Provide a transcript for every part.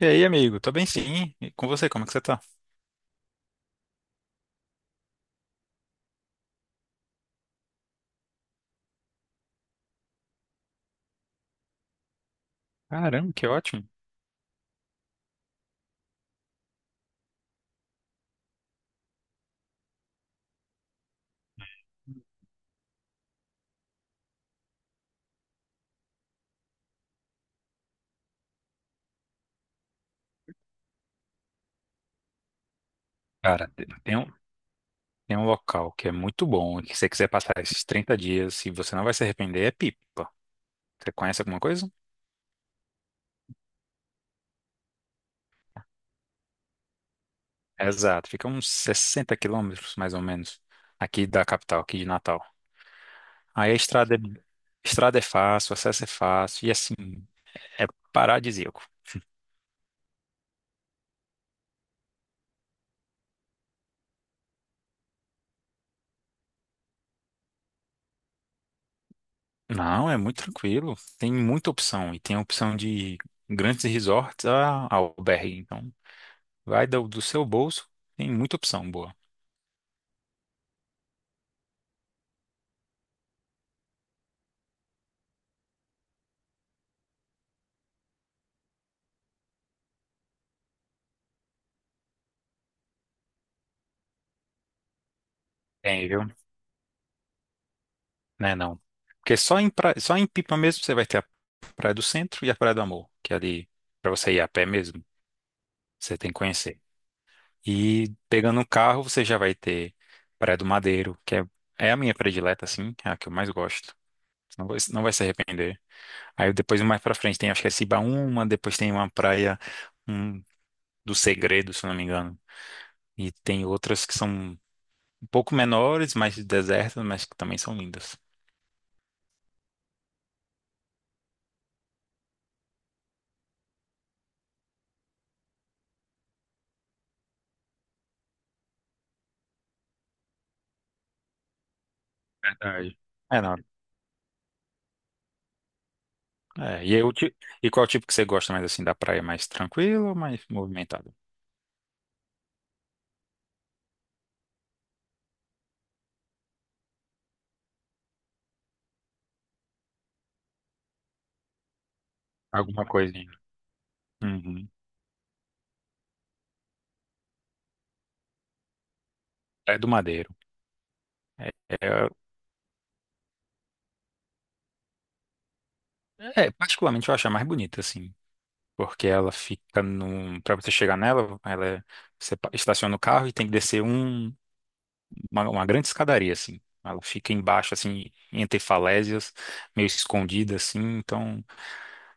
E aí, amigo? Tô bem sim. E com você, como é que você tá? Caramba, que ótimo. Cara, tem um local que é muito bom e que se você quiser passar esses 30 dias e você não vai se arrepender, é Pipa. Você conhece alguma coisa? Exato, fica uns 60 km, mais ou menos, aqui da capital, aqui de Natal. Aí a estrada é fácil, o acesso é fácil e assim, é paradisíaco. Não, é muito tranquilo. Tem muita opção e tem a opção de grandes resorts a albergue, então. Vai do seu bolso, tem muita opção boa. Tem, viu? Né, não. Porque só em Pipa mesmo você vai ter a Praia do Centro e a Praia do Amor, que é ali, pra você ir a pé mesmo, você tem que conhecer. E pegando um carro, você já vai ter Praia do Madeiro, é a minha predileta, assim, é a que eu mais gosto. Você não vai se arrepender. Aí depois, mais pra frente, tem, acho que é Cibaúma, depois tem uma um, do Segredo, se eu não me engano. E tem outras que são um pouco menores, mais desertas, mas que também são lindas. Verdade. É, não. É, e, eu, ti- e qual tipo que você gosta mais assim da praia? Mais tranquilo ou mais movimentado? Alguma coisinha. Uhum. É do Madeiro. É, é- Particularmente eu acho a mais bonita, assim, porque ela fica num. Pra você chegar nela, você estaciona o carro e tem que descer uma grande escadaria, assim. Ela fica embaixo, assim, entre falésias, meio escondida, assim. Então,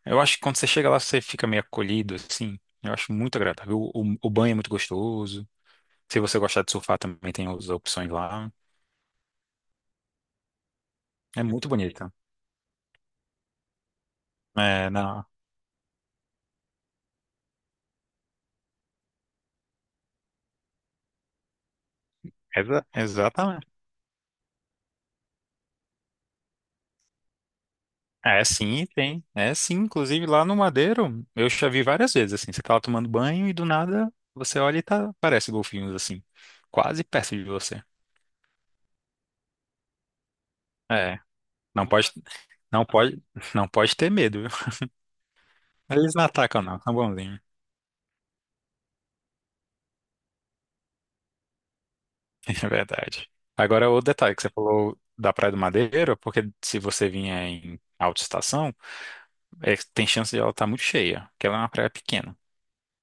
eu acho que quando você chega lá, você fica meio acolhido, assim. Eu acho muito agradável. O banho é muito gostoso. Se você gostar de surfar, também tem as opções lá. É muito bonita. É, não. Exatamente. É, sim, tem. É, sim. Inclusive, lá no Madeiro, eu já vi várias vezes, assim. Você tá lá tomando banho e do nada você olha e tá, parece golfinhos, assim. Quase perto de você. É. Não pode, não pode, não pode ter medo, viu? Eles não atacam, não. São bonzinhos. É verdade. Agora, o detalhe que você falou da Praia do Madeiro, porque se você vinha em alta estação, é, tem chance de ela estar muito cheia, porque ela é uma praia pequena.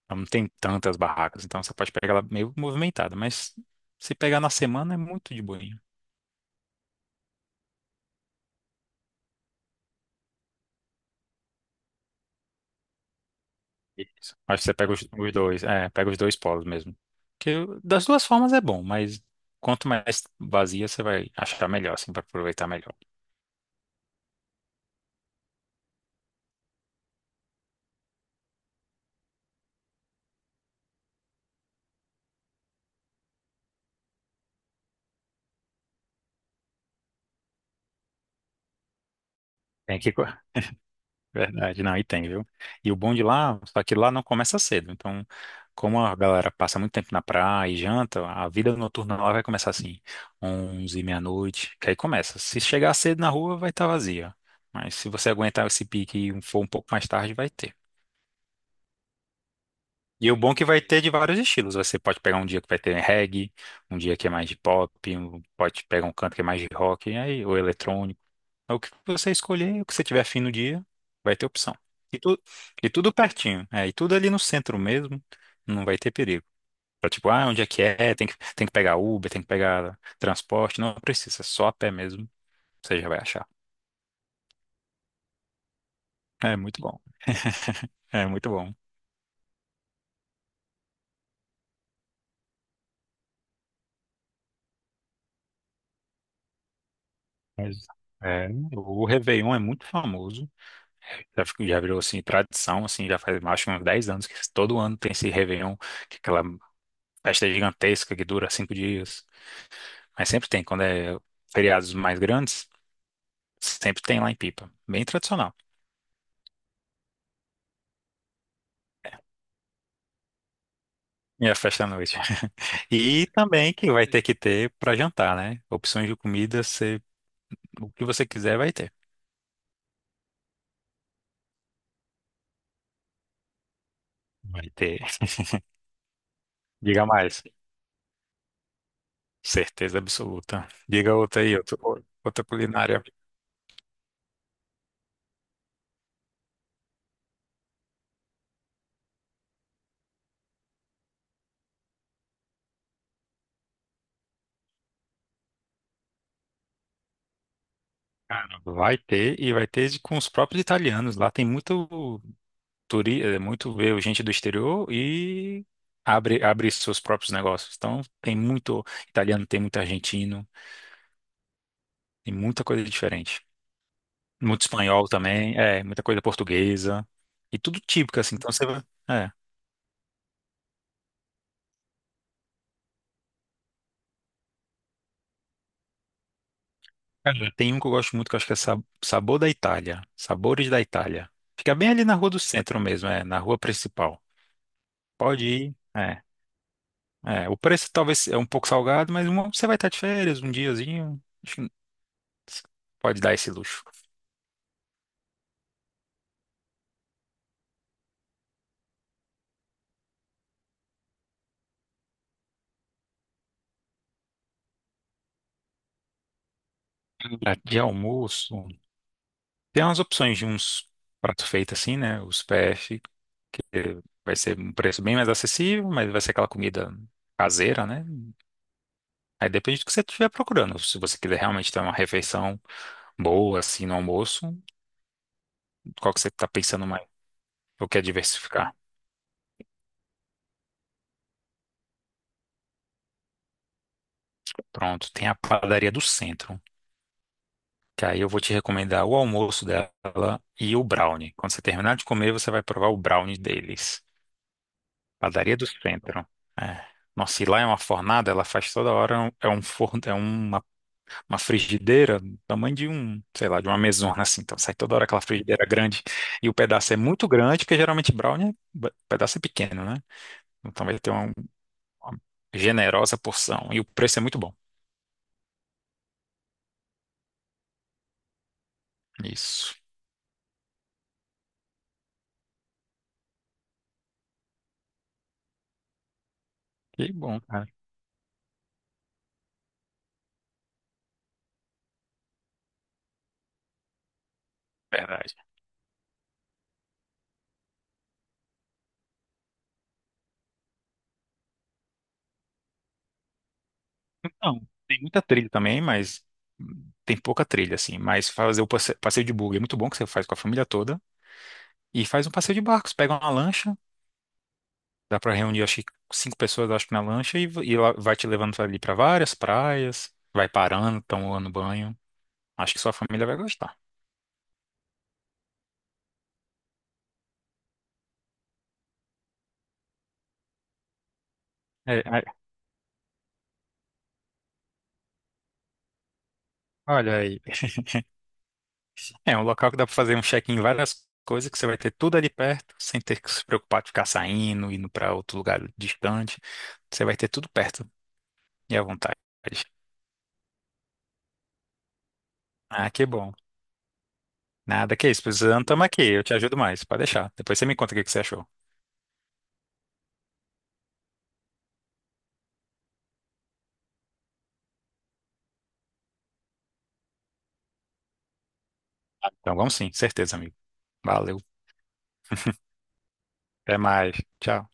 Ela não tem tantas barracas, então você pode pegar ela meio movimentada, mas se pegar na semana é muito de boinha. Isso. Acho que você pega os dois, é, pega os dois polos mesmo. Das duas formas é bom, mas quanto mais vazia você vai achar melhor, assim, para aproveitar melhor. Tem que, verdade, não, e tem, viu? E o bom de lá, só que lá não começa cedo. Então, como a galera passa muito tempo na praia e janta, a vida noturna lá vai começar assim, 11, meia-noite, que aí começa. Se chegar cedo na rua, vai estar vazia. Mas se você aguentar esse pique e for um pouco mais tarde, vai ter. E o bom é que vai ter de vários estilos. Você pode pegar um dia que vai ter reggae, um dia que é mais de pop, pode pegar um canto que é mais de rock, e aí, ou eletrônico. É o que você escolher, o que você tiver afim no dia, vai ter opção. E, tu, e tudo pertinho, é, e tudo ali no centro mesmo, não vai ter perigo. Pra, tipo, ah, onde é que é? Tem que pegar Uber, tem que pegar transporte, não precisa, é só a pé mesmo, você já vai achar. É muito bom, é muito bom. Mas, é, o Réveillon é muito famoso, já, já virou, assim, tradição, assim, já faz mais de uns 10 anos que todo ano tem esse Réveillon, que é aquela festa gigantesca que dura 5 dias, mas sempre tem, quando é feriados mais grandes, sempre tem lá em Pipa. Bem tradicional. E a festa à noite. E também que vai ter que ter para jantar, né? Opções de comida, o que você quiser vai ter. Vai ter. Diga mais. Certeza absoluta. Diga outra aí, outra, outra culinária. Cara, vai ter e vai ter com os próprios italianos. Lá tem muito veio gente do exterior e abre seus próprios negócios. Então tem muito italiano, tem muito argentino, tem muita coisa diferente. Muito espanhol também, é, muita coisa portuguesa. E tudo típico, assim. Então você vai. É. Cara, tem um que eu gosto muito que eu acho que é Sabor da Itália. Sabores da Itália. Fica bem ali na rua do centro mesmo, é, na rua principal. Pode ir. É. É. O preço talvez é um pouco salgado, mas uma- você vai estar de férias um diazinho. Acho que pode dar esse luxo. De almoço, tem umas opções de uns pratos feitos assim, né? Os PF, que vai ser um preço bem mais acessível, mas vai ser aquela comida caseira, né? Aí depende do que você estiver procurando. Se você quiser realmente ter uma refeição boa, assim, no almoço, qual que você está pensando mais? Eu quero diversificar. Pronto, tem a padaria do centro, que aí eu vou te recomendar o almoço dela e o brownie. Quando você terminar de comer, você vai provar o brownie deles. Padaria do centro. É. Nossa, e lá é uma fornada, ela faz toda hora, é um forno, é uma frigideira do tamanho de um, sei lá, de uma mesona assim. Então sai toda hora aquela frigideira grande e o pedaço é muito grande, porque geralmente brownie, o pedaço é pequeno, né? Então vai ter uma generosa porção e o preço é muito bom. Isso. Que bom, cara. Verdade. Então, tem muita trilha também, mas tem pouca trilha assim, mas fazer o passeio de buggy é muito bom que você faz com a família toda. E faz um passeio de barcos, pega uma lancha, dá pra reunir, acho que 5 pessoas, acho que na lancha, e lá vai te levando ali pra várias praias, vai parando, tomando banho. Acho que sua família vai gostar. É, é, olha aí, é um local que dá pra fazer um check-in em várias coisas, que você vai ter tudo ali perto, sem ter que se preocupar de ficar saindo, indo pra outro lugar distante. Você vai ter tudo perto e à vontade. Ah, que bom. Nada que isso, precisando, tamo aqui, eu te ajudo mais, pode deixar. Depois você me conta o que que você achou. Então vamos sim, certeza, amigo. Valeu. Até mais. Tchau.